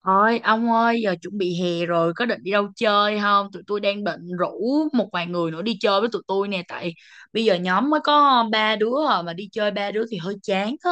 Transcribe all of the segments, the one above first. Ôi, ông ơi, giờ chuẩn bị hè rồi, có định đi đâu chơi không? Tụi tôi đang định rủ một vài người nữa đi chơi với tụi tôi nè, tại bây giờ nhóm mới có ba đứa à, mà đi chơi ba đứa thì hơi chán á.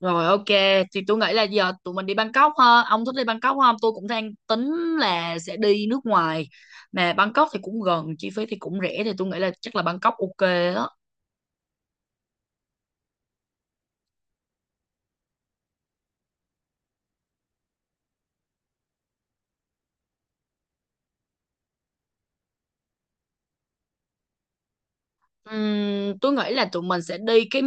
Rồi, ok, thì tôi nghĩ là giờ tụi mình đi Bangkok ha. Ông thích đi Bangkok không? Tôi cũng đang tính là sẽ đi nước ngoài. Mà Bangkok thì cũng gần, chi phí thì cũng rẻ thì tôi nghĩ là chắc là Bangkok ok á. Tôi nghĩ là tụi mình sẽ đi cái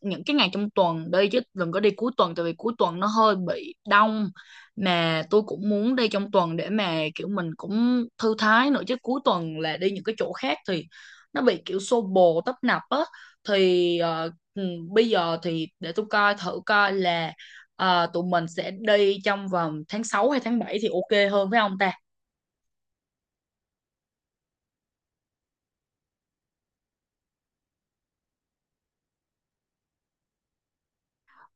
những cái ngày trong tuần đi chứ đừng có đi cuối tuần tại vì cuối tuần nó hơi bị đông, mà tôi cũng muốn đi trong tuần để mà kiểu mình cũng thư thái nữa, chứ cuối tuần là đi những cái chỗ khác thì nó bị kiểu xô bồ tấp nập á. thì ờ, Bây giờ thì để tôi coi thử coi là tụi mình sẽ đi trong vòng tháng 6 hay tháng 7 thì ok hơn phải không ta?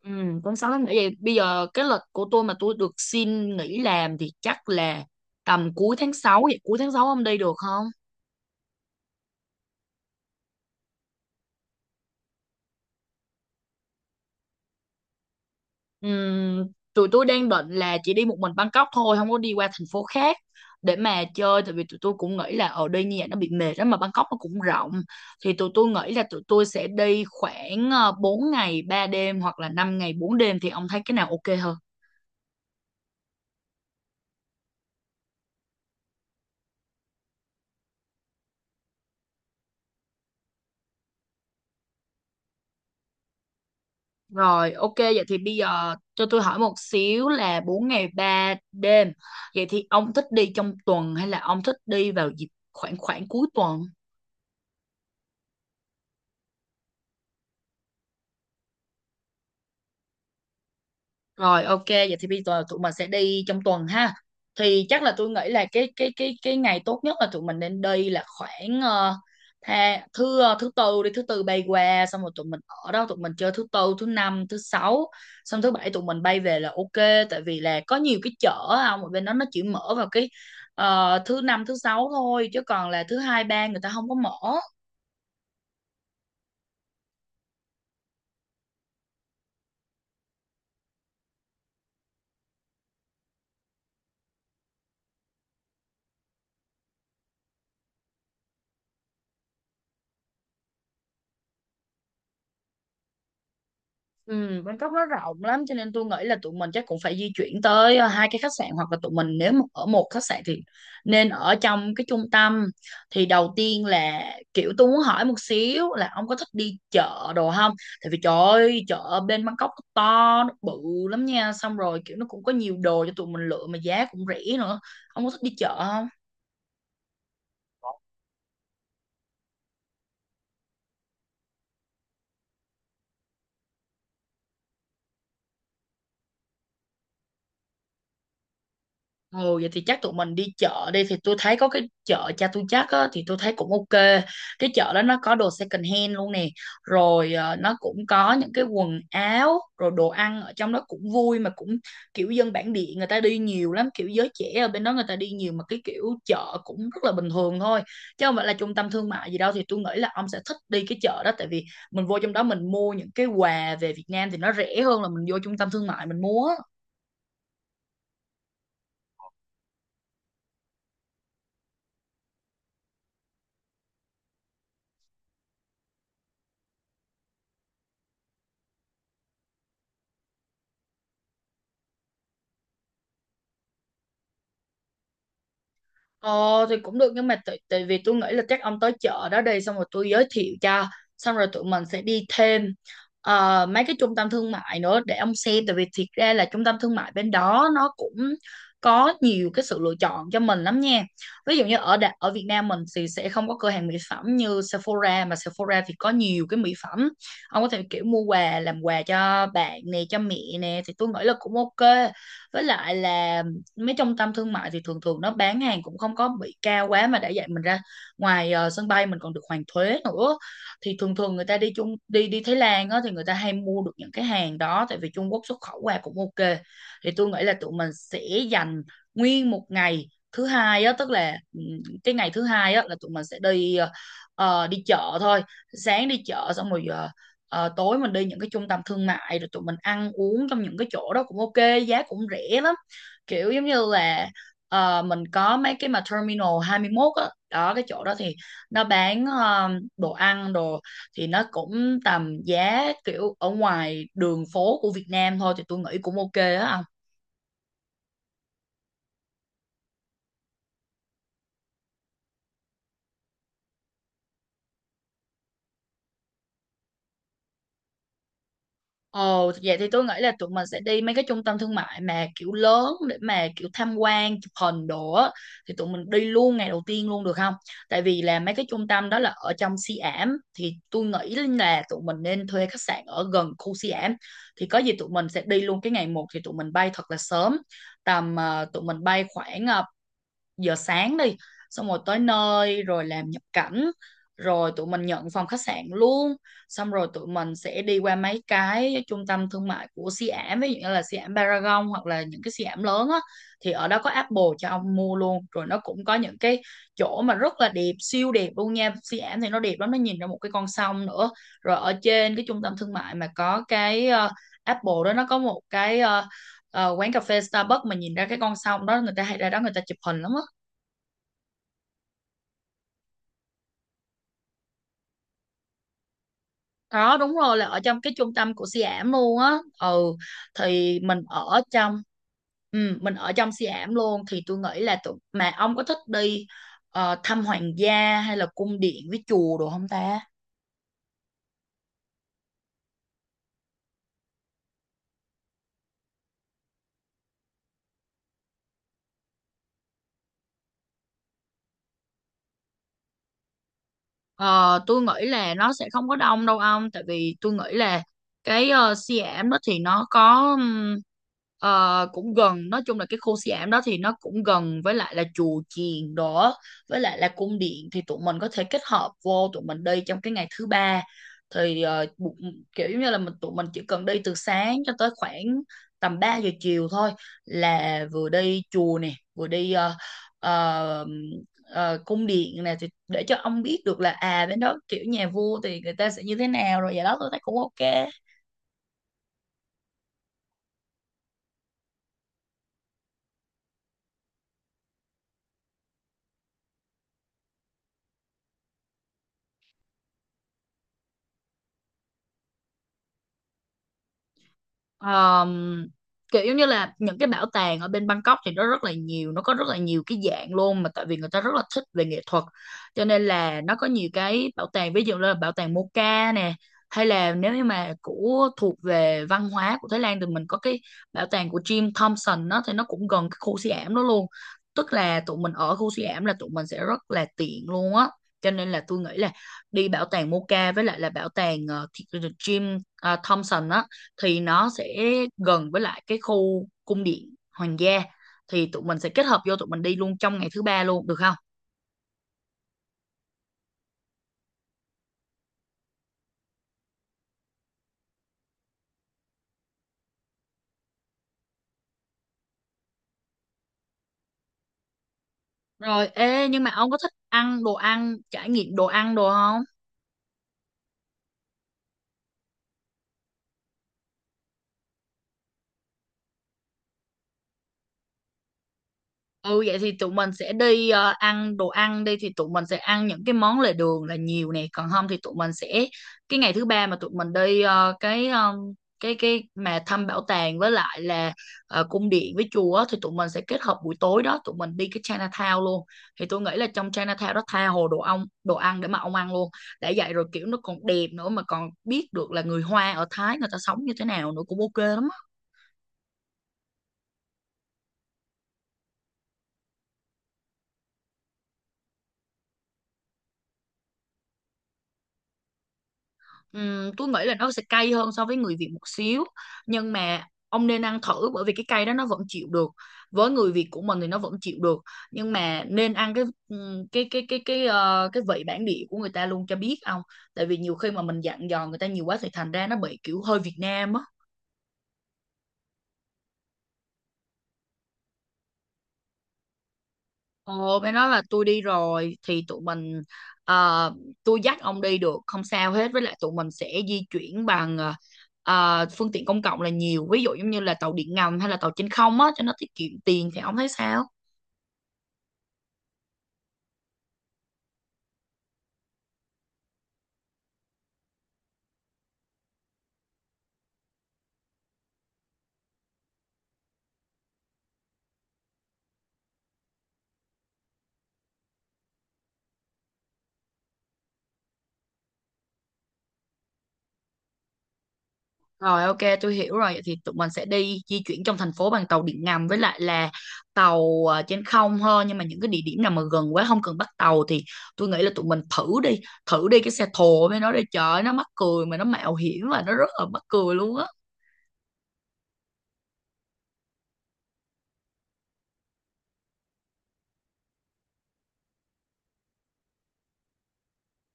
Ừ, con 6 tháng nghỉ vậy bây giờ cái lịch của tôi mà tôi được xin nghỉ làm thì chắc là tầm cuối tháng 6, vậy cuối tháng 6 ông đi được không? Ừ, tụi tôi đang định là chỉ đi một mình Bangkok thôi, không có đi qua thành phố khác để mà chơi, tại vì tụi tôi cũng nghĩ là ở đây như vậy nó bị mệt lắm, mà Bangkok nó cũng rộng, thì tụi tôi nghĩ là tụi tôi sẽ đi khoảng 4 ngày 3 đêm hoặc là 5 ngày 4 đêm, thì ông thấy cái nào ok hơn? Rồi, ok, vậy thì bây giờ cho tôi hỏi một xíu là 4 ngày 3 đêm. Vậy thì ông thích đi trong tuần hay là ông thích đi vào dịp khoảng khoảng cuối tuần? Rồi, ok, vậy thì bây giờ tụi mình sẽ đi trong tuần ha. Thì chắc là tôi nghĩ là cái ngày tốt nhất là tụi mình nên đi là khoảng thứ tư, đi thứ tư bay qua, xong rồi tụi mình ở đó tụi mình chơi thứ tư, thứ năm, thứ sáu, xong thứ bảy tụi mình bay về là ok, tại vì là có nhiều cái chợ không ở bên đó, nó chỉ mở vào cái thứ năm, thứ sáu thôi, chứ còn là thứ hai, ba người ta không có mở. Ừ, Bangkok nó rộng lắm, cho nên tôi nghĩ là tụi mình chắc cũng phải di chuyển tới hai cái khách sạn, hoặc là tụi mình nếu mà ở một khách sạn thì nên ở trong cái trung tâm. Thì đầu tiên là kiểu tôi muốn hỏi một xíu là ông có thích đi chợ đồ không, tại vì trời ơi, chợ ở bên Bangkok nó to nó bự lắm nha, xong rồi kiểu nó cũng có nhiều đồ cho tụi mình lựa mà giá cũng rẻ nữa. Ông có thích đi chợ? Ồ vậy thì chắc tụi mình đi chợ đi, thì tôi thấy có cái chợ cha tôi chắc á, thì tôi thấy cũng ok. Cái chợ đó nó có đồ second hand luôn nè, rồi nó cũng có những cái quần áo rồi đồ ăn ở trong đó cũng vui, mà cũng kiểu dân bản địa người ta đi nhiều lắm, kiểu giới trẻ ở bên đó người ta đi nhiều, mà cái kiểu chợ cũng rất là bình thường thôi chứ không phải là trung tâm thương mại gì đâu, thì tôi nghĩ là ông sẽ thích đi cái chợ đó, tại vì mình vô trong đó mình mua những cái quà về Việt Nam thì nó rẻ hơn là mình vô trung tâm thương mại mình mua á. Ờ thì cũng được, nhưng mà tại tại vì tôi nghĩ là chắc ông tới chợ đó đi xong rồi tôi giới thiệu cho, xong rồi tụi mình sẽ đi thêm mấy cái trung tâm thương mại nữa để ông xem, tại vì thiệt ra là trung tâm thương mại bên đó nó cũng có nhiều cái sự lựa chọn cho mình lắm nha. Ví dụ như ở Việt Nam mình thì sẽ không có cửa hàng mỹ phẩm như Sephora, mà Sephora thì có nhiều cái mỹ phẩm. Ông có thể kiểu mua quà làm quà cho bạn nè, cho mẹ nè, thì tôi nghĩ là cũng ok. Với lại là mấy trung tâm thương mại thì thường thường nó bán hàng cũng không có bị cao quá, mà đã dạy mình ra ngoài sân bay mình còn được hoàn thuế nữa, thì thường thường người ta đi Trung đi đi Thái Lan á thì người ta hay mua được những cái hàng đó, tại vì Trung Quốc xuất khẩu qua cũng ok. Thì tôi nghĩ là tụi mình sẽ dành nguyên một ngày thứ hai á, tức là cái ngày thứ hai á là tụi mình sẽ đi đi chợ thôi, sáng đi chợ xong rồi tối mình đi những cái trung tâm thương mại, rồi tụi mình ăn uống trong những cái chỗ đó cũng ok, giá cũng rẻ lắm, kiểu giống như là mình có mấy cái mà Terminal 21 á đó, cái chỗ đó thì nó bán đồ ăn đồ, thì nó cũng tầm giá kiểu ở ngoài đường phố của Việt Nam thôi, thì tôi nghĩ cũng ok á. Ồ, vậy thì tôi nghĩ là tụi mình sẽ đi mấy cái trung tâm thương mại mà kiểu lớn để mà kiểu tham quan, chụp hình đồ á. Thì tụi mình đi luôn ngày đầu tiên luôn được không? Tại vì là mấy cái trung tâm đó là ở trong Siam ảm, thì tôi nghĩ là tụi mình nên thuê khách sạn ở gần khu Siam ảm. Thì có gì tụi mình sẽ đi luôn cái ngày một, thì tụi mình bay thật là sớm. Tầm tụi mình bay khoảng giờ sáng đi, xong rồi tới nơi rồi làm nhập cảnh, rồi tụi mình nhận phòng khách sạn luôn, xong rồi tụi mình sẽ đi qua mấy cái trung tâm thương mại của Siam, ví dụ như là Siam Paragon, hoặc là những cái Siam lớn á, thì ở đó có Apple cho ông mua luôn, rồi nó cũng có những cái chỗ mà rất là đẹp, siêu đẹp luôn nha. Siam thì nó đẹp lắm, nó nhìn ra một cái con sông nữa, rồi ở trên cái trung tâm thương mại mà có cái Apple đó nó có một cái quán cà phê Starbucks mà nhìn ra cái con sông đó, người ta hay ra đó người ta chụp hình lắm á. Đó đúng rồi, là ở trong cái trung tâm của Siam luôn á. Ừ thì mình ở trong Siam luôn, thì tôi nghĩ là tụi mà ông có thích đi thăm hoàng gia hay là cung điện với chùa đồ không ta? Ờ, tôi nghĩ là nó sẽ không có đông đâu ông, tại vì tôi nghĩ là cái Siam đó thì nó có cũng gần, nói chung là cái khu Siam đó thì nó cũng gần với lại là chùa chiền đó, với lại là cung điện, thì tụi mình có thể kết hợp vô tụi mình đi trong cái ngày thứ ba, thì kiểu như là tụi mình chỉ cần đi từ sáng cho tới khoảng tầm 3 giờ chiều thôi, là vừa đi chùa nè, vừa đi uh, cung điện này, thì để cho ông biết được là à bên đó kiểu nhà vua thì người ta sẽ như thế nào, rồi vậy đó tôi thấy cũng ok. Ờm, Kiểu giống như là những cái bảo tàng ở bên Bangkok thì nó rất là nhiều, nó có rất là nhiều cái dạng luôn, mà tại vì người ta rất là thích về nghệ thuật, cho nên là nó có nhiều cái bảo tàng, ví dụ là bảo tàng Moca nè, hay là nếu như mà của thuộc về văn hóa của Thái Lan thì mình có cái bảo tàng của Jim Thompson đó, thì nó cũng gần cái khu suy ảm đó luôn, tức là tụi mình ở khu suy ảm là tụi mình sẽ rất là tiện luôn á. Cho nên là tôi nghĩ là đi bảo tàng Moca với lại là bảo tàng Jim Thompson á, thì nó sẽ gần với lại cái khu cung điện hoàng gia, thì tụi mình sẽ kết hợp vô tụi mình đi luôn trong ngày thứ ba luôn được không? Rồi ê, nhưng mà ông có thích ăn đồ ăn, trải nghiệm đồ ăn đồ không? Ừ vậy thì tụi mình sẽ đi ăn đồ ăn đi thì tụi mình sẽ ăn những cái món lề đường là nhiều nè, còn không thì tụi mình sẽ cái ngày thứ ba mà tụi mình đi cái cái mà thăm bảo tàng với lại là cung điện với chùa á, thì tụi mình sẽ kết hợp buổi tối đó tụi mình đi cái Chinatown luôn. Thì tôi nghĩ là trong Chinatown đó tha hồ đồ ông đồ ăn để mà ông ăn luôn. Đã vậy rồi kiểu nó còn đẹp nữa mà còn biết được là người Hoa ở Thái người ta sống như thế nào nữa cũng ok lắm. Tôi nghĩ là nó sẽ cay hơn so với người Việt một xíu, nhưng mà ông nên ăn thử bởi vì cái cay đó nó vẫn chịu được, với người Việt của mình thì nó vẫn chịu được. Nhưng mà nên ăn cái cái vị bản địa của người ta luôn cho biết ông, tại vì nhiều khi mà mình dặn dò người ta nhiều quá thì thành ra nó bị kiểu hơi Việt Nam á. Ồ, mới nói là tôi đi rồi thì tụi mình ờ, tôi dắt ông đi được không sao hết, với lại tụi mình sẽ di chuyển bằng phương tiện công cộng là nhiều, ví dụ giống như là tàu điện ngầm hay là tàu trên không á cho nó tiết kiệm tiền thì ông thấy sao? Rồi, ok, tôi hiểu rồi. Vậy thì tụi mình sẽ đi di chuyển trong thành phố bằng tàu điện ngầm với lại là tàu trên không hơn, nhưng mà những cái địa điểm nào mà gần quá không cần bắt tàu thì tôi nghĩ là tụi mình thử đi cái xe thồ với nó đi, trời ơi, nó mắc cười mà nó mạo hiểm và nó rất là mắc cười luôn á.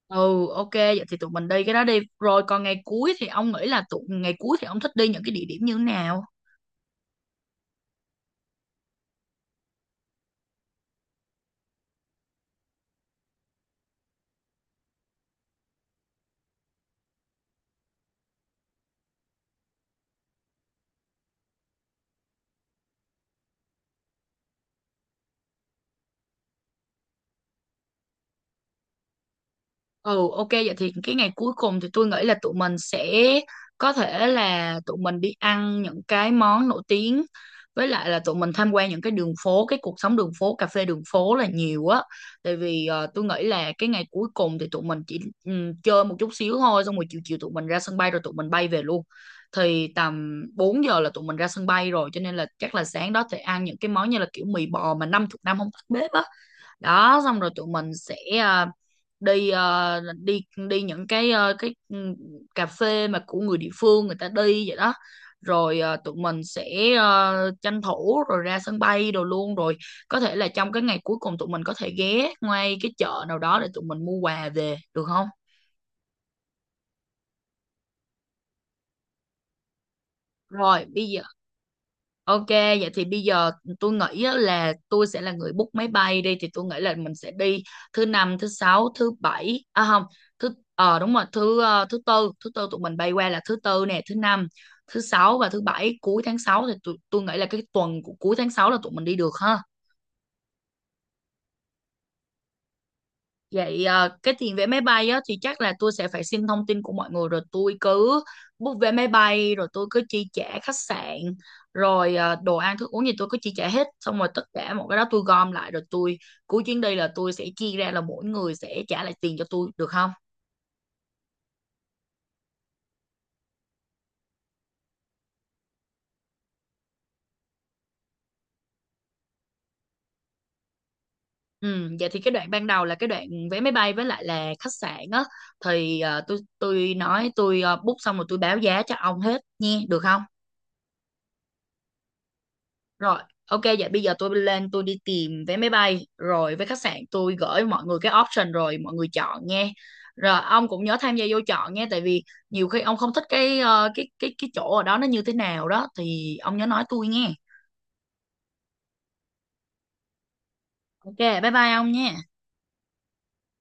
Ừ, ok, vậy thì tụi mình đi cái đó đi. Rồi còn ngày cuối thì ông nghĩ là tụi ngày cuối thì ông thích đi những cái địa điểm như thế nào? Ừ, ok, vậy thì cái ngày cuối cùng thì tôi nghĩ là tụi mình sẽ có thể là tụi mình đi ăn những cái món nổi tiếng với lại là tụi mình tham quan những cái đường phố, cái cuộc sống đường phố, cà phê đường phố là nhiều á. Tại vì tôi nghĩ là cái ngày cuối cùng thì tụi mình chỉ chơi một chút xíu thôi, xong rồi chiều chiều tụi mình ra sân bay rồi tụi mình bay về luôn. Thì tầm 4 giờ là tụi mình ra sân bay rồi cho nên là chắc là sáng đó thì ăn những cái món như là kiểu mì bò mà 50 năm không tắt bếp á. Đó xong rồi tụi mình sẽ đi đi đi những cái cà phê mà của người địa phương người ta đi vậy đó. Rồi tụi mình sẽ à, tranh thủ rồi ra sân bay đồ luôn. Rồi có thể là trong cái ngày cuối cùng tụi mình có thể ghé ngay cái chợ nào đó để tụi mình mua quà về được không? Rồi bây giờ. Ok, vậy thì bây giờ tôi nghĩ á là tôi sẽ là người book máy bay đi thì tôi nghĩ là mình sẽ đi thứ năm, thứ sáu, thứ bảy, à không, thứ đúng rồi, thứ thứ tư tụi mình bay qua là thứ tư nè, thứ năm, thứ sáu và thứ bảy cuối tháng sáu, thì tôi nghĩ là cái tuần của cuối tháng 6 là tụi mình đi được ha. Vậy cái tiền vé máy bay á, thì chắc là tôi sẽ phải xin thông tin của mọi người rồi tôi cứ book vé máy bay rồi tôi cứ chi trả khách sạn rồi đồ ăn thức uống gì tôi cứ chi trả hết, xong rồi tất cả mọi cái đó tôi gom lại rồi tôi cuối chuyến đi là tôi sẽ chia ra là mỗi người sẽ trả lại tiền cho tôi được không? Ừ, vậy thì cái đoạn ban đầu là cái đoạn vé máy bay với lại là khách sạn á, thì tôi nói tôi book xong rồi tôi báo giá cho ông hết nha được không? Rồi, ok, vậy bây giờ tôi lên tôi đi tìm vé máy bay rồi với khách sạn tôi gửi mọi người cái option rồi mọi người chọn nghe. Rồi ông cũng nhớ tham gia vô chọn nghe, tại vì nhiều khi ông không thích cái ờ, cái chỗ ở đó nó như thế nào đó thì ông nhớ nói tôi nghe. Ok, bye bye ông nha.